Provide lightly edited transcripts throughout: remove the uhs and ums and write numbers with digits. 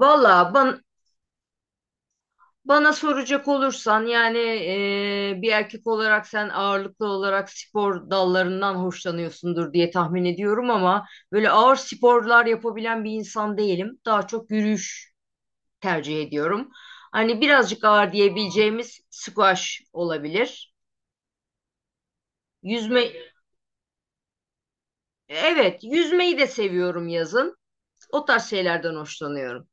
Valla ban- Bana soracak olursan bir erkek olarak sen ağırlıklı olarak spor dallarından hoşlanıyorsundur diye tahmin ediyorum ama böyle ağır sporlar yapabilen bir insan değilim. Daha çok yürüyüş tercih ediyorum. Hani birazcık ağır diyebileceğimiz squash olabilir. Yüzme, evet yüzmeyi de seviyorum yazın. O tarz şeylerden hoşlanıyorum.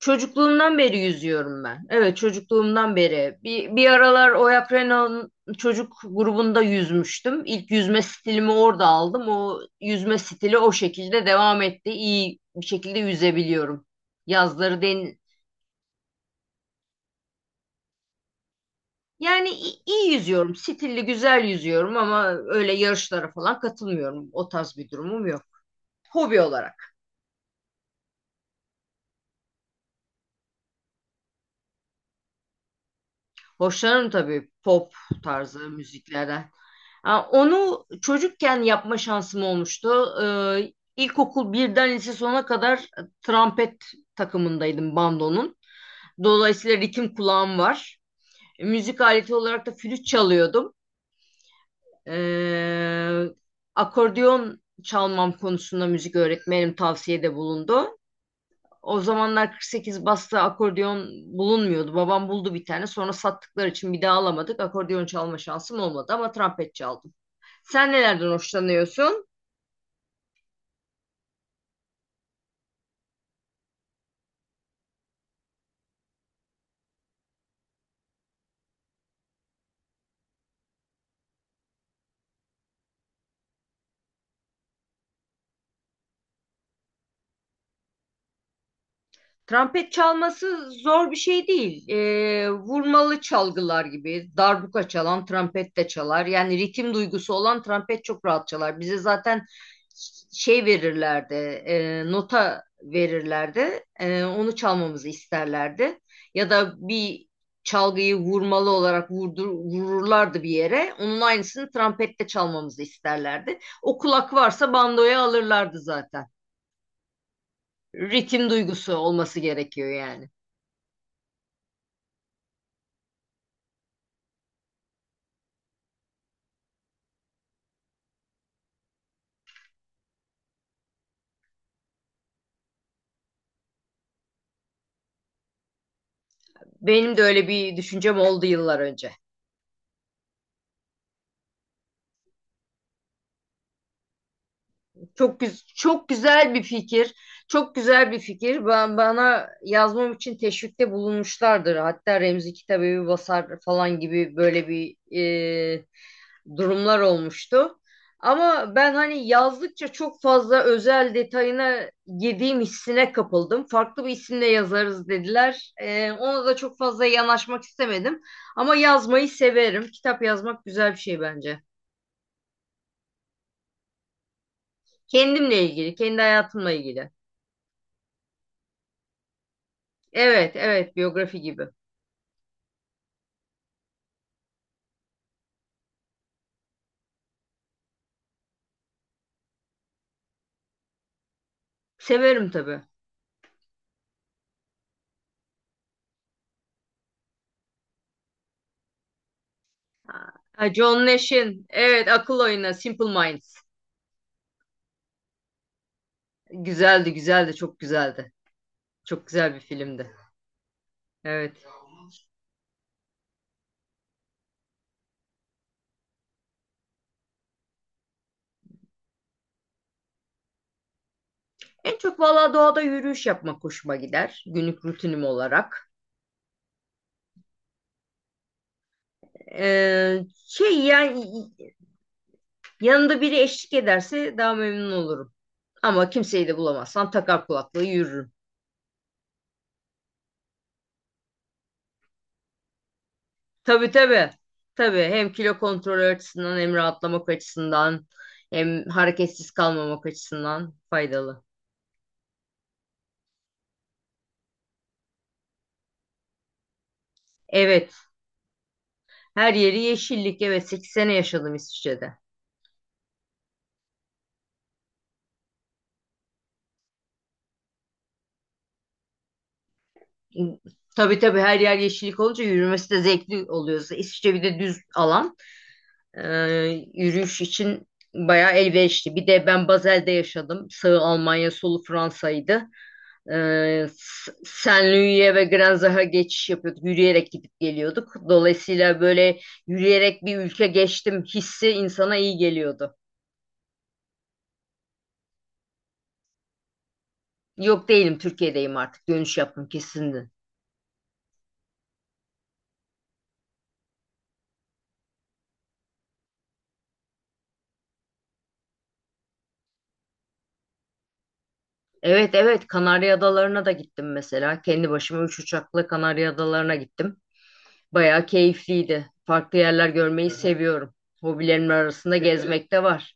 Çocukluğumdan beri yüzüyorum ben. Evet, çocukluğumdan beri. Bir aralar Oyak Renault'un çocuk grubunda yüzmüştüm. İlk yüzme stilimi orada aldım. O yüzme stili o şekilde devam etti. İyi bir şekilde yüzebiliyorum. Yazları den Yani iyi yüzüyorum. Stilli, güzel yüzüyorum ama öyle yarışlara falan katılmıyorum. O tarz bir durumum yok. Hobi olarak. Hoşlanırım tabii pop tarzı müziklerden. Ha, onu çocukken yapma şansım olmuştu. İlkokul birden lise sona kadar trompet takımındaydım bandonun. Dolayısıyla ritim kulağım var. Müzik aleti olarak da flüt çalıyordum. Ee, Akordeon çalmam konusunda müzik öğretmenim tavsiyede bulundu. O zamanlar 48 basta akordeon bulunmuyordu. Babam buldu bir tane. Sonra sattıkları için bir daha alamadık. Akordeon çalma şansım olmadı ama trompet çaldım. Sen nelerden hoşlanıyorsun? Trompet çalması zor bir şey değil. Vurmalı çalgılar gibi darbuka çalan trompet de çalar. Yani ritim duygusu olan trompet çok rahat çalar. Bize zaten şey verirlerdi, nota verirlerdi. Onu çalmamızı isterlerdi. Ya da bir çalgıyı vurmalı olarak vururlardı bir yere. Onun aynısını trompette çalmamızı isterlerdi. O kulak varsa bandoya alırlardı zaten. Ritim duygusu olması gerekiyor yani. Benim de öyle bir düşüncem oldu yıllar önce. Çok güzel bir fikir. Çok güzel bir fikir. Ben bana yazmam için teşvikte bulunmuşlardır. Hatta Remzi Kitabevi basar falan gibi böyle bir e, durumlar olmuştu. Ama ben hani yazdıkça çok fazla özel detayına girdiğim hissine kapıldım. Farklı bir isimle yazarız dediler. E, ona da çok fazla yanaşmak istemedim. Ama yazmayı severim. Kitap yazmak güzel bir şey bence. Kendimle ilgili, kendi hayatımla ilgili. Evet, evet, biyografi gibi. Severim tabii. Ha, John Nash'in, evet, Akıl Oyunu, Simple Minds. Güzeldi, güzeldi, çok güzeldi. Çok güzel bir filmdi. Evet. En çok valla doğada yürüyüş yapmak hoşuma gider. Günlük rutinim olarak. Ee, şey yani Yanında biri eşlik ederse daha memnun olurum. Ama kimseyi de bulamazsam takar kulaklığı yürürüm. Tabii tabii. Tabii hem kilo kontrolü açısından hem rahatlamak açısından hem hareketsiz kalmamak açısından faydalı. Evet, her yeri yeşillik. Evet, 8 sene yaşadım İsviçre'de. Tabii tabii her yer yeşillik olunca yürümesi de zevkli oluyor. İsviçre bir de düz alan. Yürüyüş için bayağı elverişli. Bir de ben Basel'de yaşadım. Sağı Almanya, solu Fransa'ydı. Saint-Louis'e ve Granzach'a geçiş yapıyorduk. Yürüyerek gidip geliyorduk. Dolayısıyla böyle yürüyerek bir ülke geçtim hissi insana iyi geliyordu. Yok değilim, Türkiye'deyim artık. Dönüş yaptım kesinlikle. Evet evet, Kanarya Adaları'na da gittim mesela. Kendi başıma 3 uçakla Kanarya Adaları'na gittim. Bayağı keyifliydi. Farklı yerler görmeyi, hı hı, seviyorum. Hobilerimin arasında, peki, gezmek de var.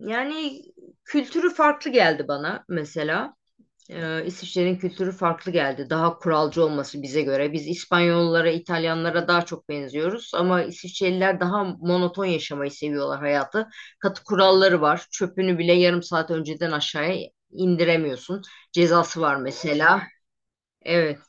Yani kültürü farklı geldi bana mesela. İsviçre'nin kültürü farklı geldi. Daha kuralcı olması bize göre. Biz İspanyollara, İtalyanlara daha çok benziyoruz ama İsviçreliler daha monoton yaşamayı seviyorlar hayatı. Katı kuralları var. Çöpünü bile yarım saat önceden aşağıya indiremiyorsun. Cezası var mesela. Evet,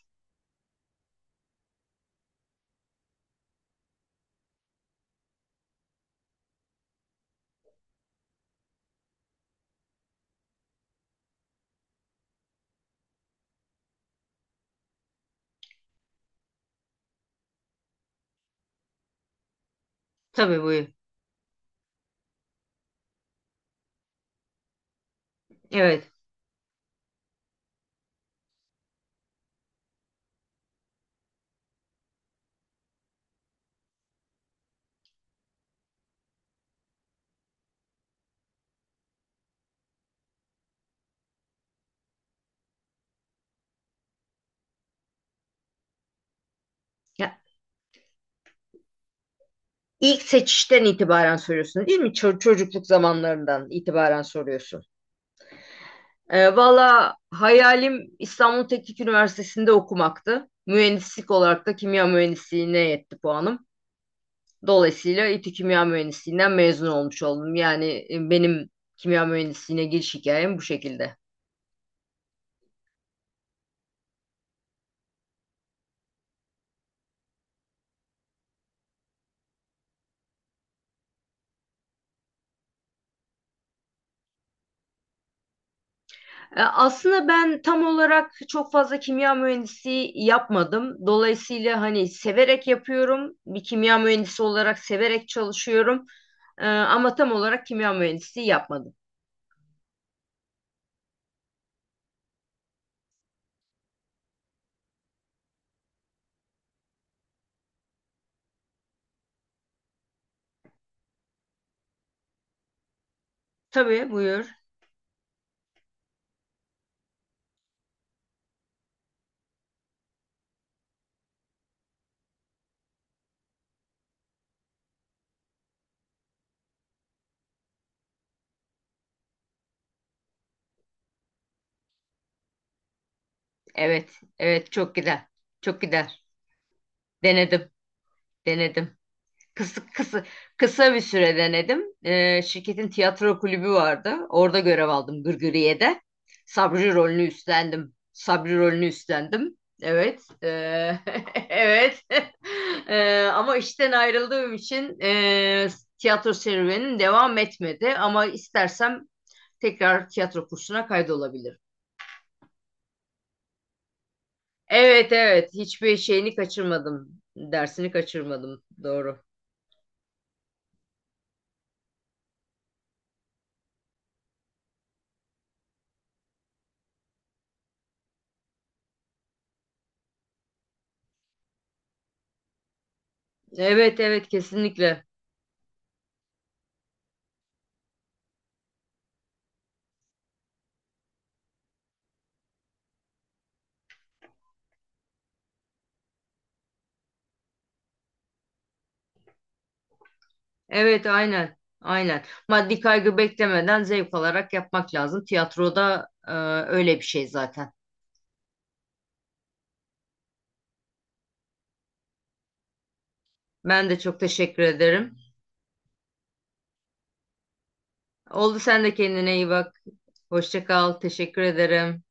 tabii bu. Evet. Ya, ilk seçişten itibaren soruyorsun, değil mi? Çocukluk zamanlarından itibaren soruyorsun. E, valla hayalim İstanbul Teknik Üniversitesi'nde okumaktı. Mühendislik olarak da kimya mühendisliğine yetti puanım. Dolayısıyla İTÜ Kimya Mühendisliğinden mezun olmuş oldum. Yani benim kimya mühendisliğine giriş hikayem bu şekilde. E, aslında ben tam olarak çok fazla kimya mühendisliği yapmadım. Dolayısıyla hani severek yapıyorum. Bir kimya mühendisi olarak severek çalışıyorum. E, ama tam olarak kimya mühendisliği yapmadım. Tabii buyur. Evet, evet çok gider. Çok gider. Denedim, denedim. Kısa, kısa, Kısa bir süre denedim. Şirketin tiyatro kulübü vardı. Orada görev aldım Gırgıriye'de. Sabri rolünü üstlendim. Sabri rolünü üstlendim. Evet, evet. Ama işten ayrıldığım için tiyatro serüvenim devam etmedi. Ama istersem tekrar tiyatro kursuna kaydolabilirim. Evet evet, hiçbir şeyini kaçırmadım. Dersini kaçırmadım. Doğru. Evet evet, kesinlikle. Evet aynen. Aynen. Maddi kaygı beklemeden zevk alarak yapmak lazım. Tiyatroda öyle bir şey zaten. Ben de çok teşekkür ederim. Oldu, sen de kendine iyi bak. Hoşça kal. Teşekkür ederim.